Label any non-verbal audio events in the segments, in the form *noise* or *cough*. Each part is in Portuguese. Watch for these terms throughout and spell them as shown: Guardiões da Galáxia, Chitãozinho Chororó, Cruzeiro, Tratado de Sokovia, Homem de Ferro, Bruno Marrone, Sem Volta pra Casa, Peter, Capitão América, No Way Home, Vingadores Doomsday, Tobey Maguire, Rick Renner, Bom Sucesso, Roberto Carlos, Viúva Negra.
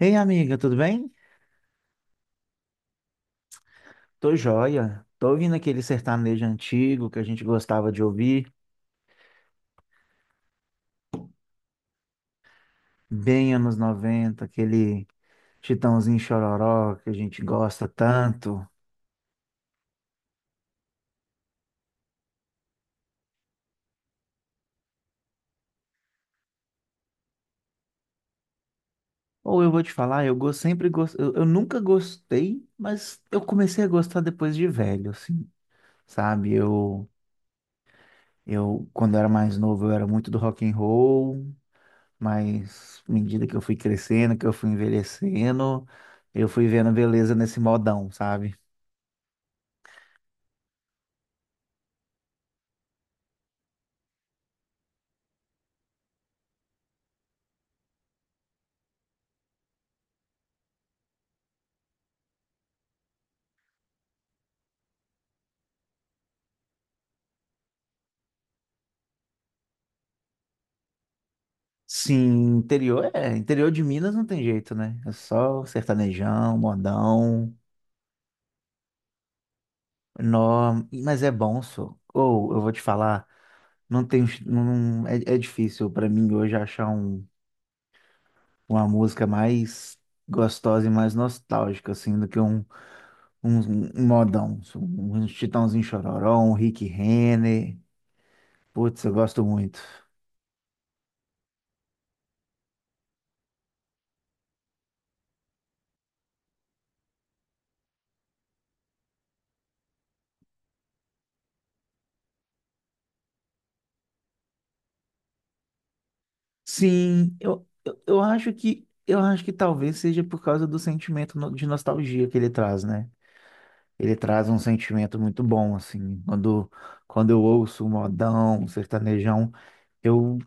Ei, amiga, tudo bem? Tô joia. Tô ouvindo aquele sertanejo antigo que a gente gostava de ouvir, bem anos 90, aquele Chitãozinho Chororó que a gente gosta tanto. Ou eu vou te falar, eu nunca gostei, mas eu comecei a gostar depois de velho, assim, sabe? Eu quando era mais novo, eu era muito do rock and roll, mas à medida que eu fui crescendo, que eu fui envelhecendo, eu fui vendo beleza nesse modão, sabe? Sim, interior é. Interior de Minas não tem jeito, né? É só sertanejão, modão. Nó, mas é bom, só. Ou, eu vou te falar, não tem. Não, é difícil pra mim hoje achar uma música mais gostosa e mais nostálgica, assim, do que um, um modão só. Um Chitãozinho Chororó, um Rick Renner. Putz, eu gosto muito. Sim, Eu acho que talvez seja por causa do sentimento de nostalgia que ele traz, né? Ele traz um sentimento muito bom, assim. Quando eu ouço um modão, um sertanejão, eu,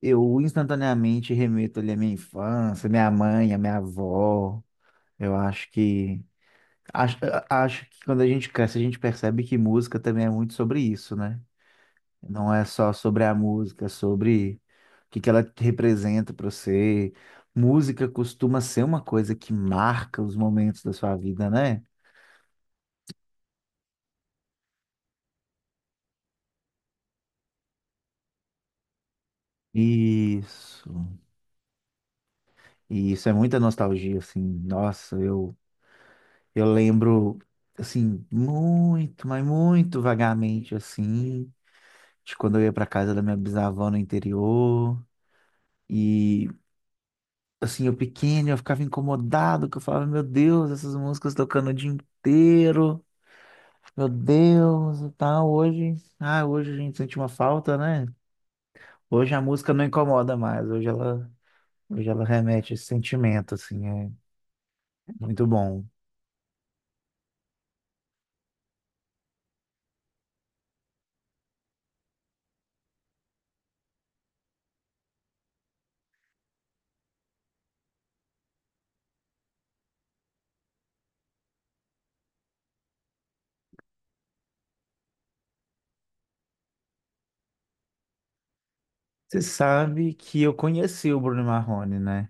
eu instantaneamente remeto ali à minha infância, minha mãe, à minha avó. Eu acho que. Acho, acho que quando a gente cresce, a gente percebe que música também é muito sobre isso, né? Não é só sobre a música, é sobre o que que ela representa para você. Música costuma ser uma coisa que marca os momentos da sua vida, né? Isso. E isso é muita nostalgia, assim. Nossa, eu lembro, assim, muito, mas muito vagamente, assim, de quando eu ia para casa da minha bisavó no interior. E, assim, eu pequeno, eu ficava incomodado, que eu falava, meu Deus, essas músicas tocando o dia inteiro, meu Deus, e tal. Hoje a gente sente uma falta, né? Hoje a música não incomoda mais, hoje ela remete esse sentimento, assim, é muito bom. Você sabe que eu conheci o Bruno Marrone, né?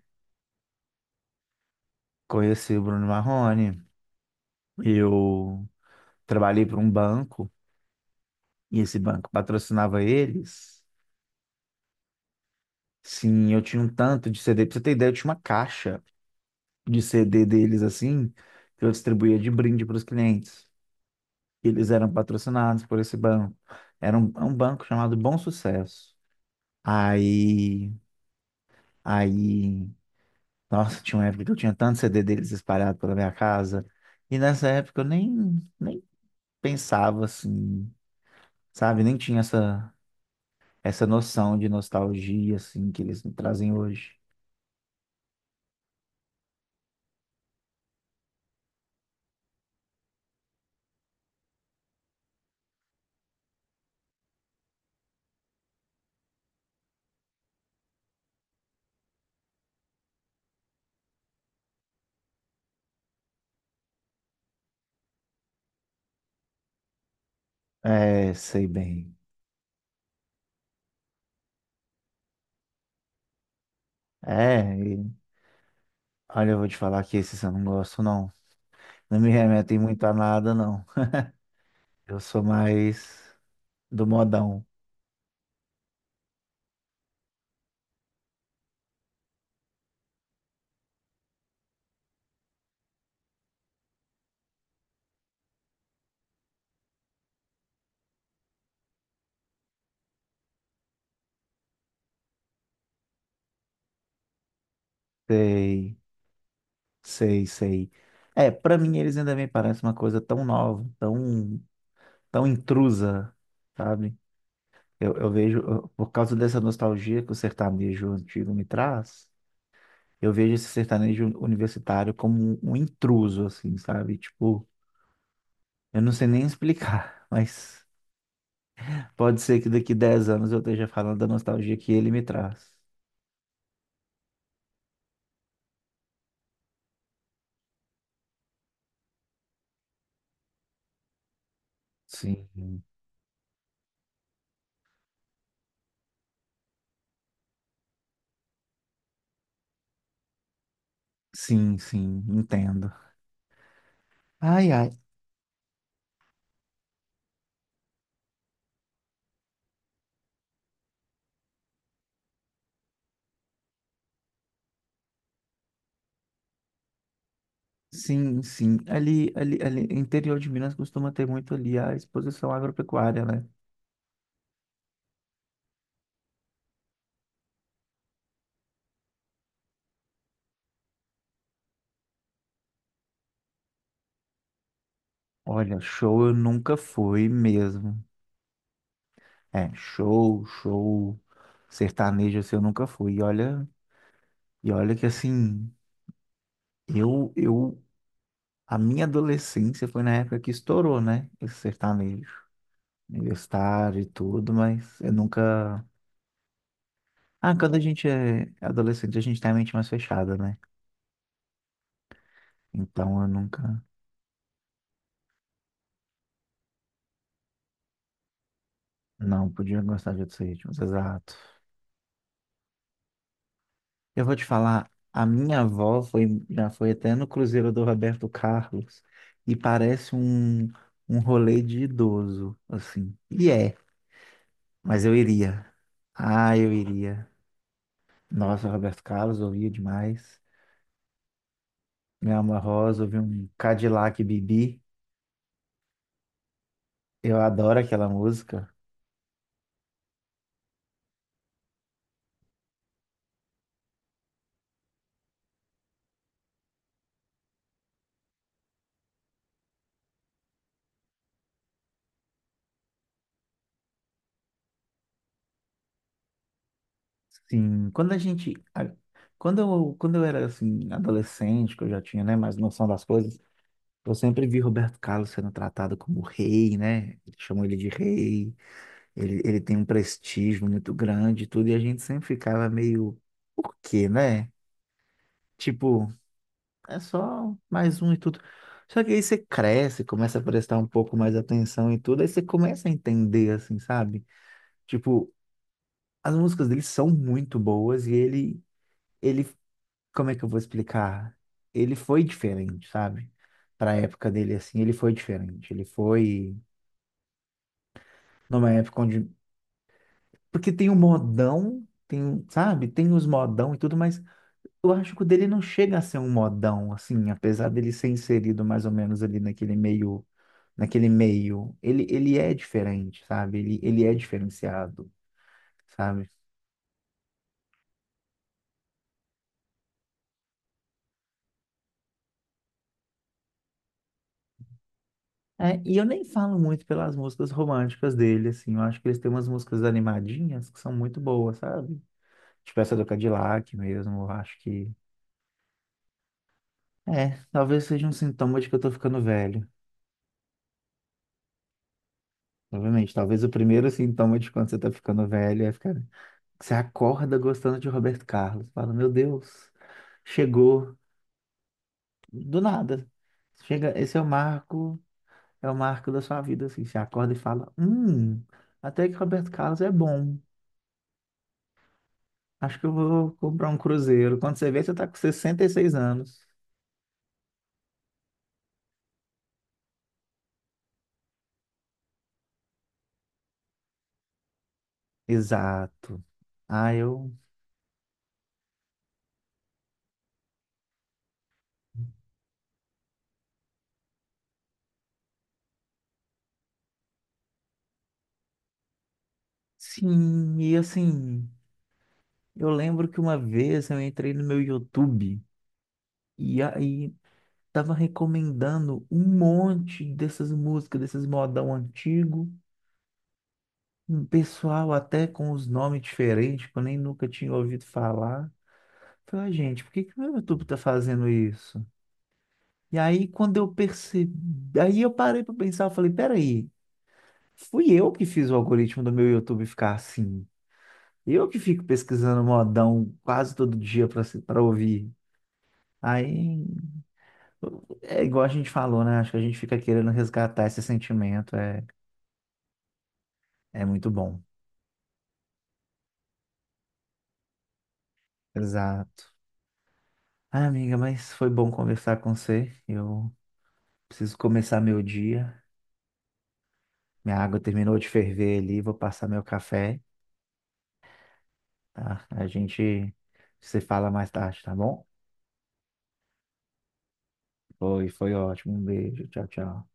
Conheci o Bruno Marrone. Eu trabalhei para um banco e esse banco patrocinava eles. Sim, eu tinha um tanto de CD. Pra você ter ideia, eu tinha uma caixa de CD deles assim, que eu distribuía de brinde para os clientes. Eles eram patrocinados por esse banco. Era um banco chamado Bom Sucesso. Aí, aí, nossa, tinha uma época que eu tinha tanto CD deles espalhado pela minha casa. E nessa época eu nem pensava assim, sabe? Nem tinha essa noção de nostalgia assim que eles me trazem hoje. É, sei bem. É, e olha, eu vou te falar que esses eu não gosto, não. Não me remetem muito a nada, não. Eu sou mais do modão. Sei, sei, sei. É, pra mim eles ainda me parecem uma coisa tão nova, tão intrusa, sabe? Por causa dessa nostalgia que o sertanejo antigo me traz, eu vejo esse sertanejo universitário como um intruso, assim, sabe? Tipo, eu não sei nem *laughs* explicar, mas pode ser que daqui 10 anos eu esteja falando da nostalgia que ele me traz. Sim. Sim, sim, entendo. Ai, ai. Sim, sim. Ali, interior de Minas costuma ter muito ali a exposição agropecuária, né? Olha, show eu nunca fui mesmo. É, show, sertanejo assim eu nunca fui. E olha que assim, eu a minha adolescência foi na época que estourou, né? Esse sertanejo universitário e tudo, mas eu nunca. Ah, quando a gente é adolescente, a gente tem a mente mais fechada, né? Então eu nunca. Não, podia gostar de outros ritmos, exato. Eu vou te falar, a minha avó já foi até no Cruzeiro do Roberto Carlos e parece um rolê de idoso, assim. E é, mas eu iria. Ah, eu iria. Nossa, Roberto Carlos, ouvia demais. Me Alma Rosa, ouvi um Cadillac Bibi. Eu adoro aquela música. Sim, quando a gente. A- Quando eu era assim, adolescente, que eu já tinha, né, mais noção das coisas, eu sempre vi Roberto Carlos sendo tratado como rei, né? Eles chamam ele de rei, ele tem um prestígio muito grande e tudo, e a gente sempre ficava meio, por quê, né? Tipo, é só mais um e tudo. Só que aí você cresce, começa a prestar um pouco mais atenção e tudo, aí você começa a entender, assim, sabe? Tipo, as músicas dele são muito boas ele, como é que eu vou explicar? Ele foi diferente, sabe? Pra época dele, assim, ele foi diferente. Ele foi numa época onde. Porque tem o modão, sabe? Tem os modão e tudo, mas eu acho que o dele não chega a ser um modão, assim, apesar dele ser inserido mais ou menos ali naquele meio. Naquele meio. Ele é diferente, sabe? Ele é diferenciado, sabe? É, e eu nem falo muito pelas músicas românticas dele, assim. Eu acho que eles têm umas músicas animadinhas que são muito boas, sabe? Tipo essa do Cadillac mesmo, eu acho que. É, talvez seja um sintoma de que eu tô ficando velho. Obviamente, talvez o primeiro sintoma de quando você tá ficando velho é ficar. Você acorda gostando de Roberto Carlos. Fala, meu Deus, chegou do nada. Chega, esse é o marco da sua vida, assim. Você acorda e fala, até que Roberto Carlos é bom. Acho que eu vou comprar um cruzeiro. Quando você vê, você tá com 66 anos. Exato. Ah, eu. Sim, e assim, eu lembro que uma vez eu entrei no meu YouTube e aí tava recomendando um monte dessas músicas, desses modão antigo, um pessoal até com os nomes diferentes, que eu nem nunca tinha ouvido falar. Falei, "Ah, gente, por que que o meu YouTube tá fazendo isso?" E aí, quando eu percebi, aí eu parei para pensar, eu falei, peraí. Fui eu que fiz o algoritmo do meu YouTube ficar assim. Eu que fico pesquisando modão quase todo dia para ouvir. Aí é igual a gente falou, né? Acho que a gente fica querendo resgatar esse sentimento. É muito bom. Exato. Ah, amiga, mas foi bom conversar com você. Eu preciso começar meu dia. Minha água terminou de ferver ali, vou passar meu café, tá? A gente se fala mais tarde, tá bom? Foi ótimo. Um beijo. Tchau, tchau.